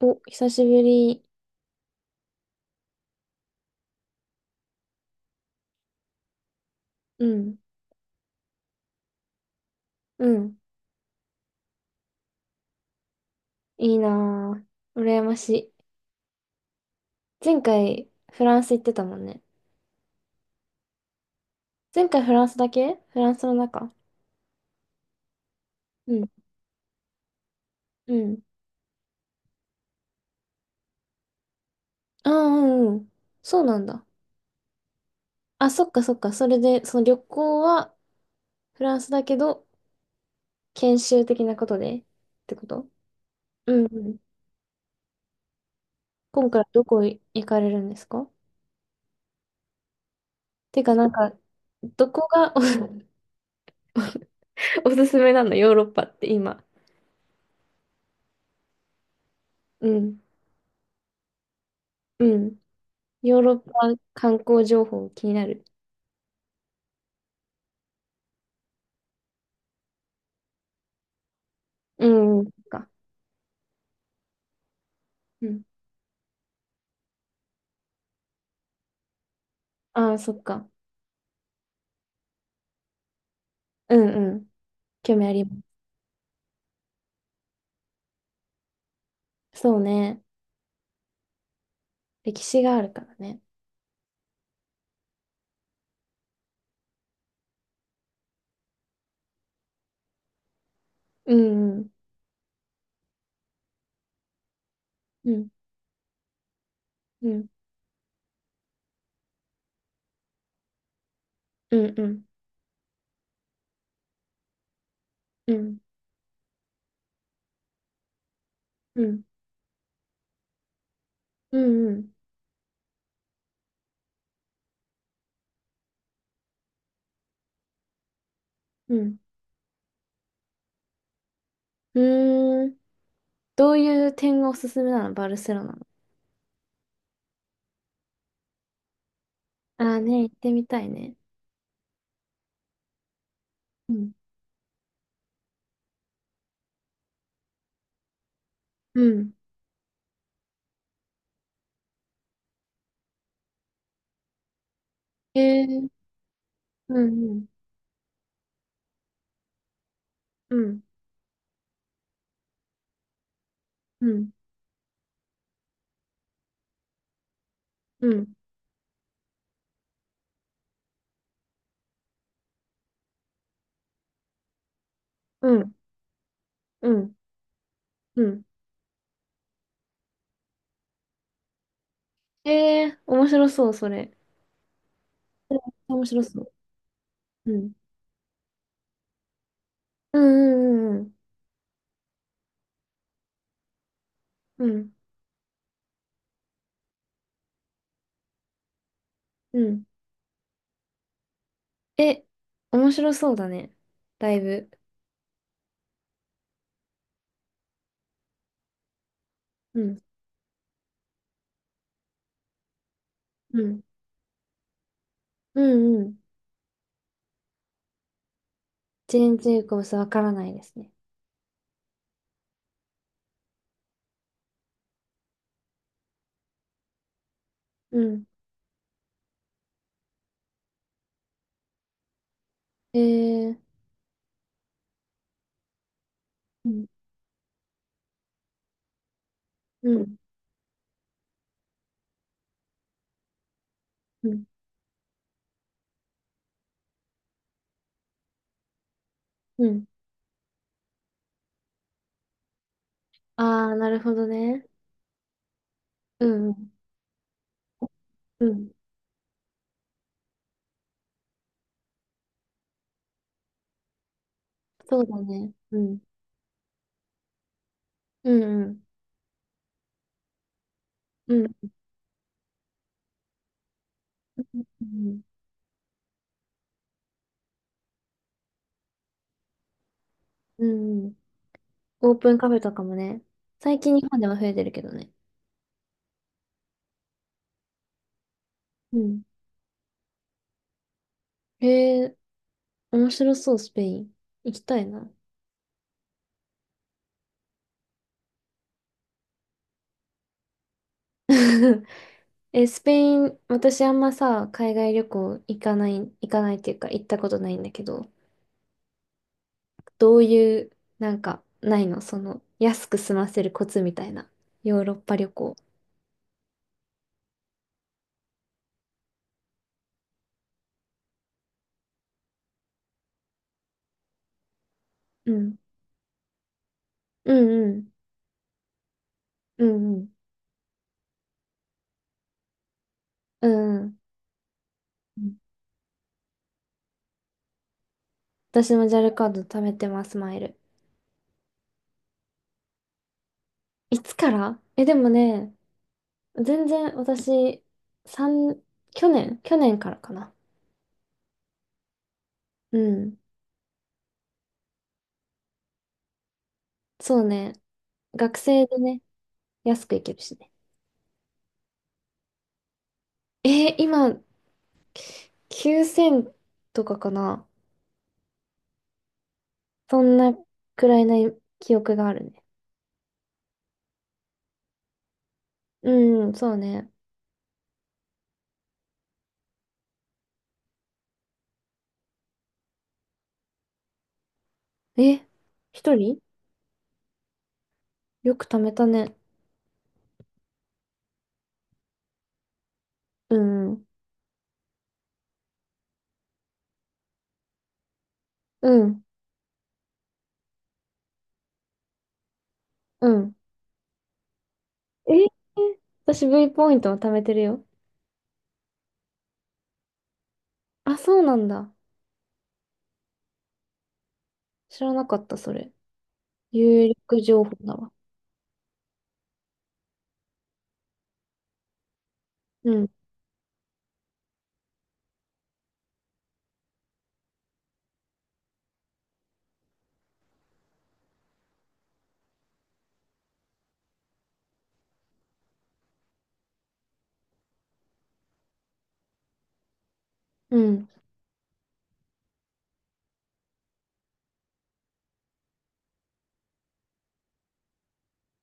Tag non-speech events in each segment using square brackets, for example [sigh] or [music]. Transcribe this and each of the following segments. お、久しぶり。うん、うん。いいなぁ。羨ましい。前回、フランス行ってたもんね。前回フランスだけフランスの中、うん、うん。ああ、うん、うん。そうなんだ。あ、そっかそっか。それで、その旅行はフランスだけど、研修的なことでってこと？うん、うん。今回どこ行かれるんですか？てか、なんか、どこが [laughs] お、おすすめなのヨーロッパって今？うん、うん。ヨーロッパ観光情報気になる。うん、うん、そっか。うん。ああ、そっか。うんうん。興味あります。そうね。歴史があるからね。うんうん。うんうん。うんうん。うんうん。うんうん。うん。うーん。どういう点がおすすめなのバルセロナの？ああね、行ってみたいね。うん。うん。へえー、うんうん。うん。うん。うん。うん。うん。うんへえー、面白そう、それ。面白そう。うん。うんうんうんうん。うんうん。え、面白そうだね。だいぶ。うん。うん。うんうん。全然よくさ、わからないですね。うん。えー、うん。うん。うん。うん。あー、なるほどね。うんうん。うん。そうだね。うん。うんうん。うん。うんうん。うんオープンカフェとかもね。最近日本では増えてるけどね。うん。えー、面白そう、スペイン。行きたいな。[laughs] え、スペイン、私あんまさ、海外旅行行かない、っていうか行ったことないんだけど、どういう、なんか、ないのその、安く済ませるコツみたいな。ヨーロッパ旅行。うん。うんうん。うんうん。うんうん。私もジャルカード貯めてます、マイル。いつから？え、でもね、全然私、三去年、からかな。うん。そうね。学生でね、安く行けるしね。えー今、9,000とかかな。そんなくらいな記憶があるね。うん、そうね。え、一人？よく貯めたね。うん、うん、うん。えー私 V ポイントも貯めてるよ。あ、そうなんだ。知らなかった、それ。有力情報だわ。うん、うん、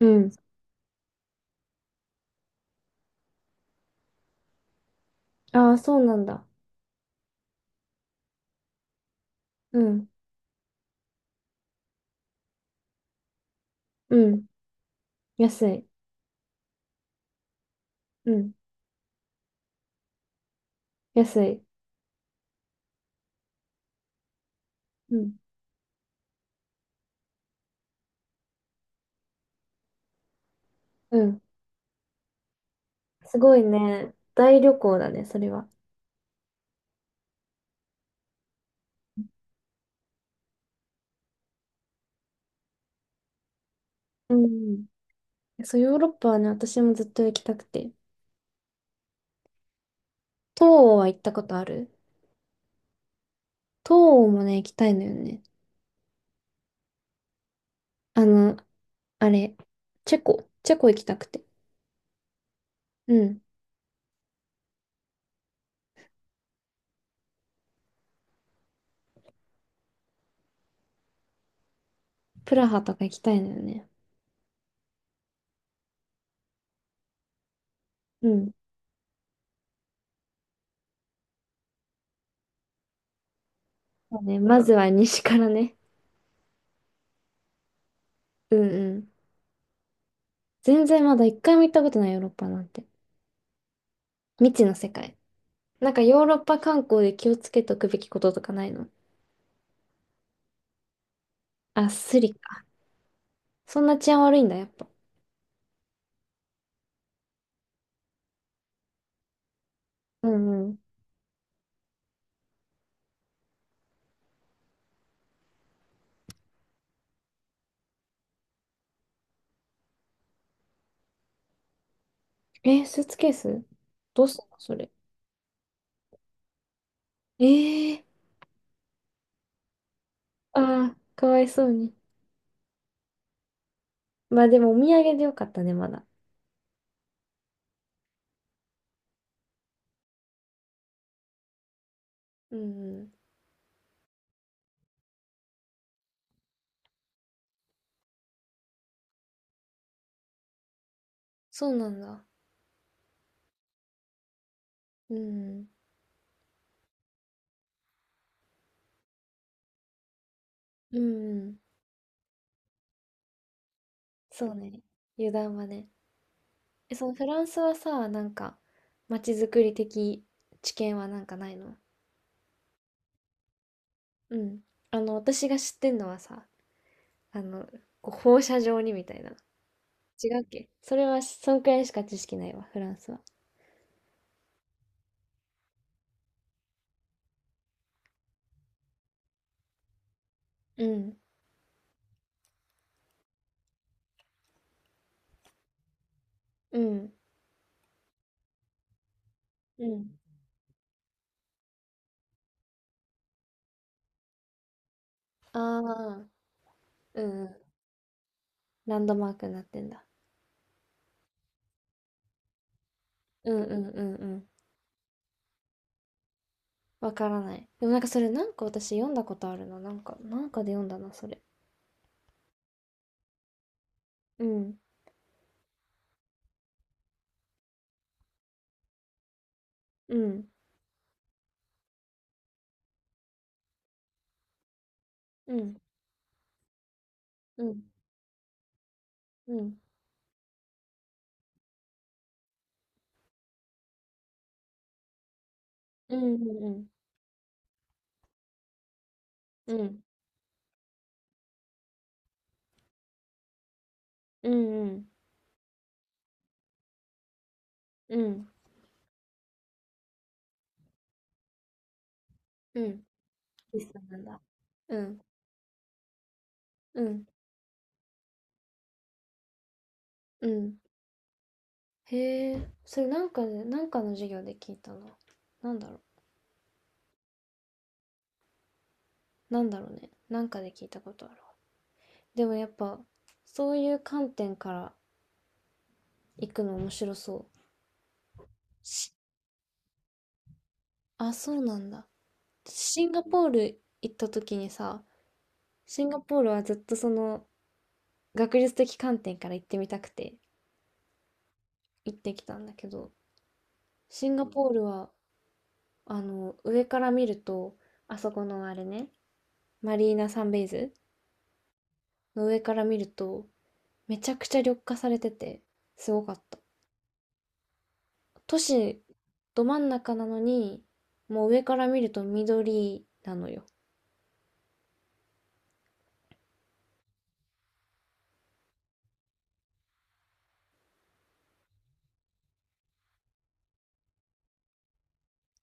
うん。ああ、そうなんだ。うん、うん。安い。うん、安い。うん、うん。すごいね。大旅行だね、それは。うん。そう、ヨーロッパはね、私もずっと行きたくて。東欧は行ったことある？東欧もね、行きたいのよね。あの、あれ、チェコ。チェコ行きたくて。うん。プラハとか行きたいのよね。うん。そうね、まずは西からね。[laughs] うんうん。全然まだ一回も行ったことないヨーロッパなんて。未知の世界。なんかヨーロッパ観光で気をつけておくべきこととかないの？あ、スリか。そんな治安悪いんだ、やっぱ。うんうん。えー、スーツケースどうすんのそれ？えー、あーかわいそうに。まあでもお土産でよかったね、まだ。うんん。そうなんだ。うんうん。うん。そうね。油断はね。え、そのフランスはさ、なんか、まちづくり的知見はなんかないの？うん。あの、私が知ってんのはさ、あの、こう放射状にみたいな。違うっけそれは、そんくらいしか知識ないわ、フランスは。うん。うん。うん。ああ、うんうん。ランドマークになってんだ。うんうんうんうん。わからない。でもなんかそれなんか私読んだことあるな。なんか、なんかで読んだな、それ。うん。うん。うん。うん。うん。うん。うん。うん。うん。うん。うん。うんリストなんだ。うん。うん。うん。へえ。それなんかで、なんかの授業で聞いたな。なんだろう。なんだろうね。なんかで聞いたことあるわ。でもやっぱ、そういう観点から行くの面白そう。あ、そうなんだ。シンガポール行った時にさ、シンガポールはずっとその学術的観点から行ってみたくて行ってきたんだけど、シンガポールはあの上から見ると、あそこのあれね、マリーナサンベイズの上から見ると、めちゃくちゃ緑化されてて、すごかった。都市ど真ん中なのに、もう上から見ると緑なのよ。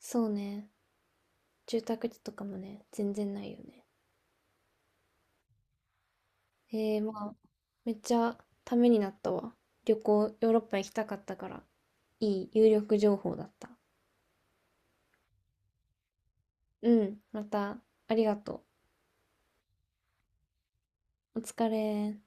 そうね。住宅地とかもね、全然ないよね。えー、まあ、めっちゃためになったわ。旅行、ヨーロッパ行きたかったから。いい有力情報だった。うん、また、ありがとう。お疲れ。